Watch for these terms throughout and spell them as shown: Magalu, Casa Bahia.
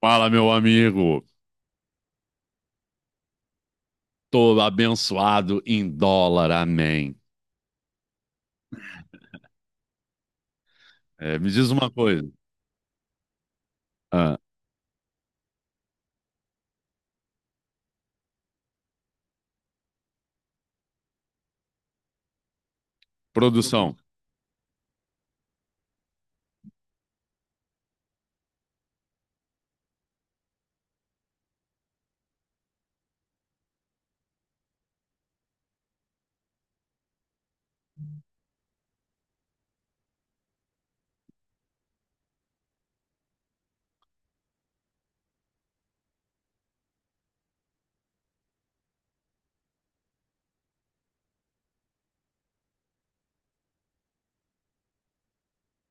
Fala, meu amigo. Tô abençoado em dólar, amém. É, me diz uma coisa. Ah, produção.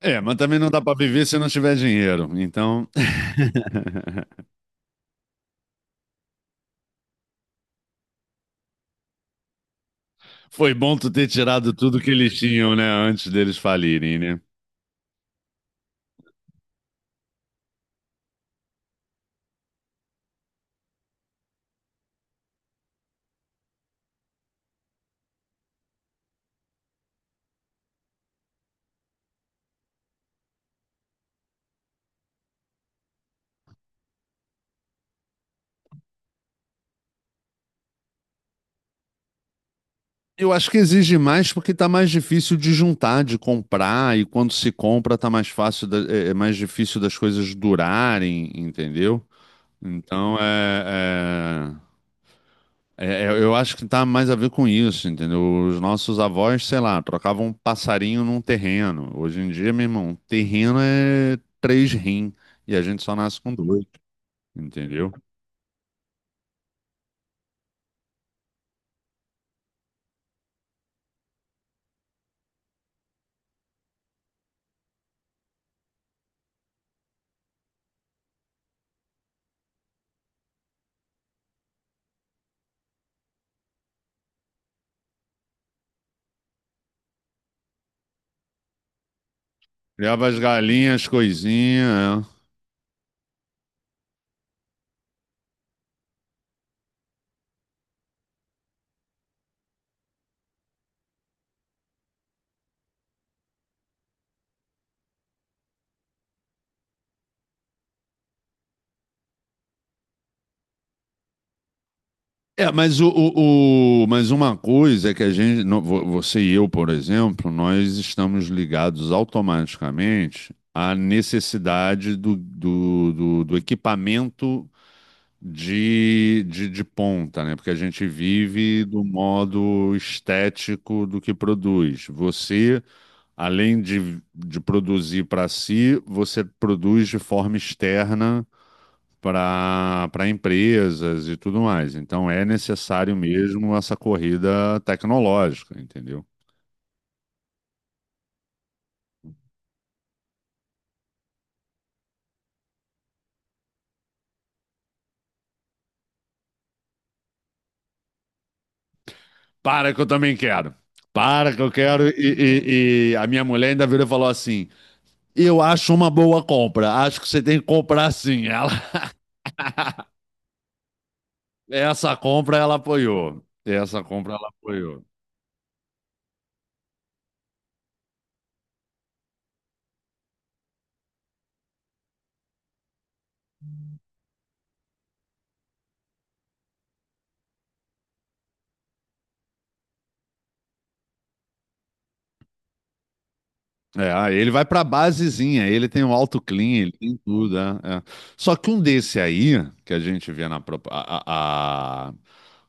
É, mas também não dá pra viver se não tiver dinheiro. Então, foi bom tu ter tirado tudo que eles tinham, né, antes deles falirem, né? Eu acho que exige mais porque tá mais difícil de juntar, de comprar, e quando se compra tá mais fácil, é mais difícil das coisas durarem, entendeu? Então, eu acho que tá mais a ver com isso, entendeu? Os nossos avós, sei lá, trocavam um passarinho num terreno. Hoje em dia, meu irmão, terreno é três rim e a gente só nasce com dois, entendeu? Criava as galinhas, coisinha. É, é, mas uma coisa é que a gente, você e eu, por exemplo, nós estamos ligados automaticamente à necessidade do equipamento de ponta, né? Porque a gente vive do modo estético do que produz. Você, além de produzir para si, você produz de forma externa para empresas e tudo mais. Então é necessário mesmo essa corrida tecnológica, entendeu? Para que eu também quero. Para que eu quero. E a minha mulher ainda virou e falou assim: Eu acho uma boa compra. Acho que você tem que comprar sim. Ela Essa compra ela apoiou. Essa compra ela apoiou. É, ah ele vai para basezinha, ele tem o auto clean, ele tem tudo, é, é. Só que um desse aí, que a gente vê na propa- a-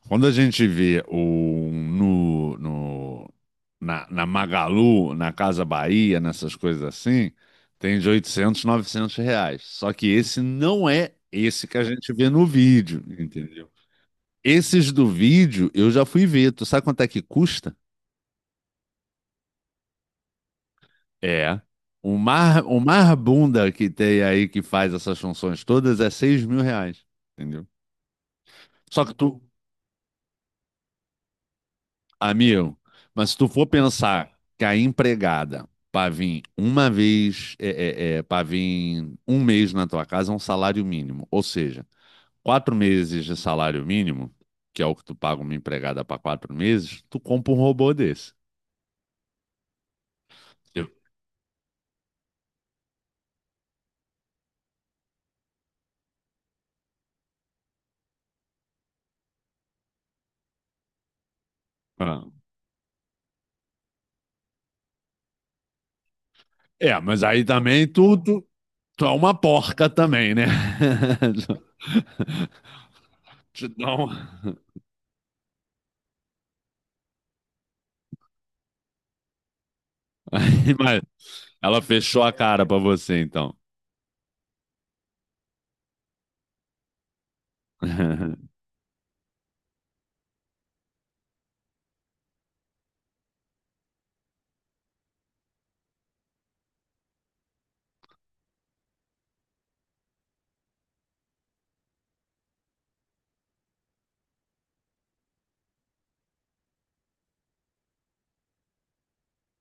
quando a gente vê o no, no na Magalu, na Casa Bahia, nessas coisas assim, tem de 800 R$ 900. Só que esse não é esse que a gente vê no vídeo, entendeu? Esses do vídeo eu já fui ver. Tu sabe quanto é que custa? É. O mar bunda que tem aí que faz essas funções todas é R$ 6.000. Entendeu? Só que tu, amigo, mas se tu for pensar que a empregada para vir uma vez, para vir um mês na tua casa é um salário mínimo. Ou seja, 4 meses de salário mínimo, que é o que tu paga uma empregada para 4 meses, tu compra um robô desse. Eu- Ah. É, mas aí também tu é uma porca também, né? Te dá um- Aí, mas ela fechou a cara pra você, então.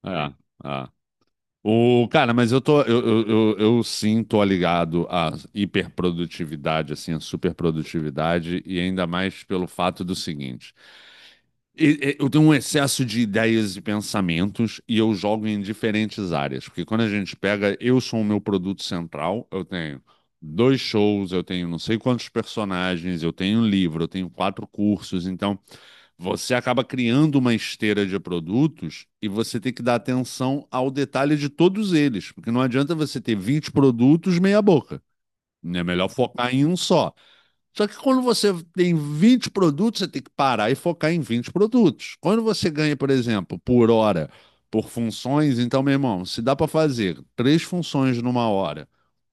É, é. O, cara, mas eu tô, eu sim tô ligado à hiperprodutividade, assim, à superprodutividade, e ainda mais pelo fato do seguinte: eu tenho um excesso de ideias e pensamentos e eu jogo em diferentes áreas, porque quando a gente pega, eu sou o meu produto central, eu tenho dois shows, eu tenho não sei quantos personagens, eu tenho um livro, eu tenho quatro cursos, então. Você acaba criando uma esteira de produtos e você tem que dar atenção ao detalhe de todos eles, porque não adianta você ter 20 produtos meia boca, né? É melhor focar em um só. Só que quando você tem 20 produtos, você tem que parar e focar em 20 produtos. Quando você ganha, por exemplo, por hora, por funções, então, meu irmão, se dá para fazer três funções numa hora.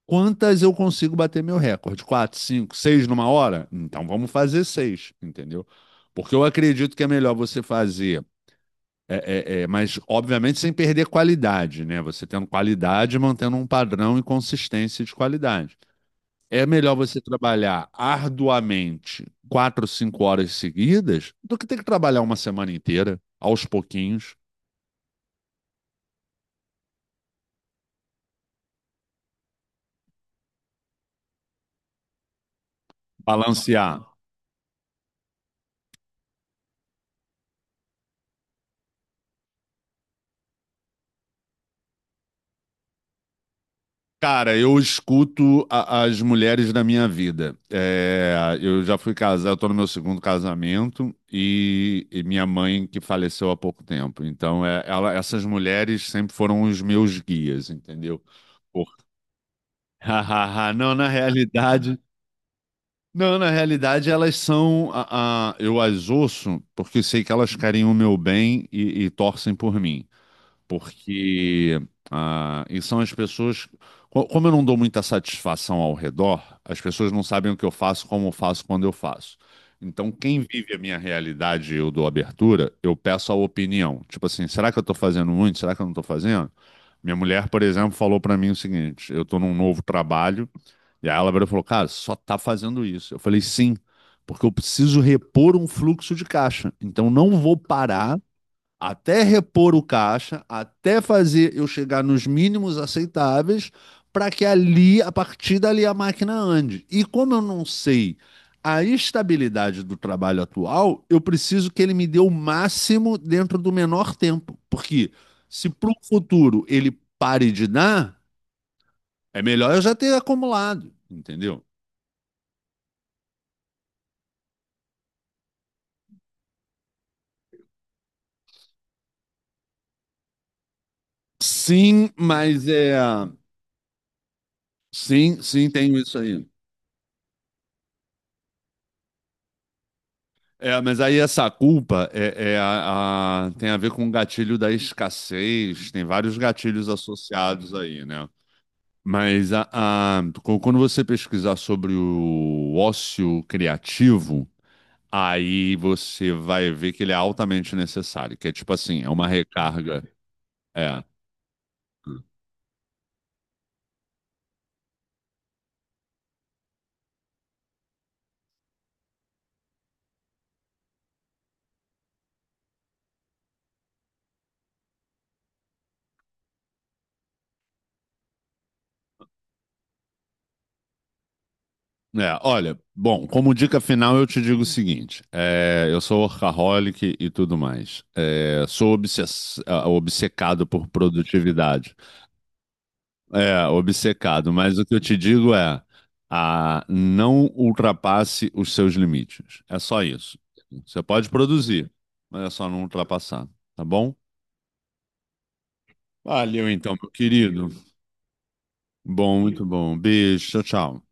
Quantas eu consigo bater meu recorde? Quatro, cinco, seis numa hora? Então vamos fazer seis, entendeu? Porque eu acredito que é melhor você fazer, mas obviamente sem perder qualidade, né? Você tendo qualidade, mantendo um padrão e consistência de qualidade. É melhor você trabalhar arduamente quatro, cinco horas seguidas do que ter que trabalhar uma semana inteira, aos pouquinhos, balancear. Cara, eu escuto as mulheres da minha vida. É, eu já fui casado, estou no meu segundo casamento e minha mãe que faleceu há pouco tempo. Então, essas mulheres sempre foram os meus guias, entendeu? Por- Não, na realidade, elas são, eu as ouço porque sei que elas querem o meu bem e torcem por mim. Porque e são as pessoas. Como eu não dou muita satisfação ao redor, as pessoas não sabem o que eu faço, como eu faço, quando eu faço. Então, quem vive a minha realidade e eu dou abertura, eu peço a opinião. Tipo assim, será que eu estou fazendo muito? Será que eu não estou fazendo? Minha mulher, por exemplo, falou para mim o seguinte: eu estou num novo trabalho, e aí ela virou e falou, cara, só tá fazendo isso. Eu falei, sim, porque eu preciso repor um fluxo de caixa. Então, não vou parar até repor o caixa, até fazer eu chegar nos mínimos aceitáveis, para que ali, a partir dali, a máquina ande. E como eu não sei a estabilidade do trabalho atual, eu preciso que ele me dê o máximo dentro do menor tempo. Porque se para o futuro ele pare de dar, é melhor eu já ter acumulado, entendeu? Sim, mas é. Sim, sim, tenho isso aí. É, mas aí essa culpa tem a ver com o gatilho da escassez, tem vários gatilhos associados aí, né? Mas quando você pesquisar sobre o ócio criativo, aí você vai ver que ele é altamente necessário, que é tipo assim, é uma recarga. É. Hum. É, olha, bom, como dica final eu te digo o seguinte: eu sou workaholic e tudo mais. É, sou obcecado por produtividade. É, obcecado, mas o que eu te digo é, não ultrapasse os seus limites. É só isso. Você pode produzir, mas é só não ultrapassar, tá bom? Valeu então, meu querido. Bom, muito bom. Beijo, tchau, tchau.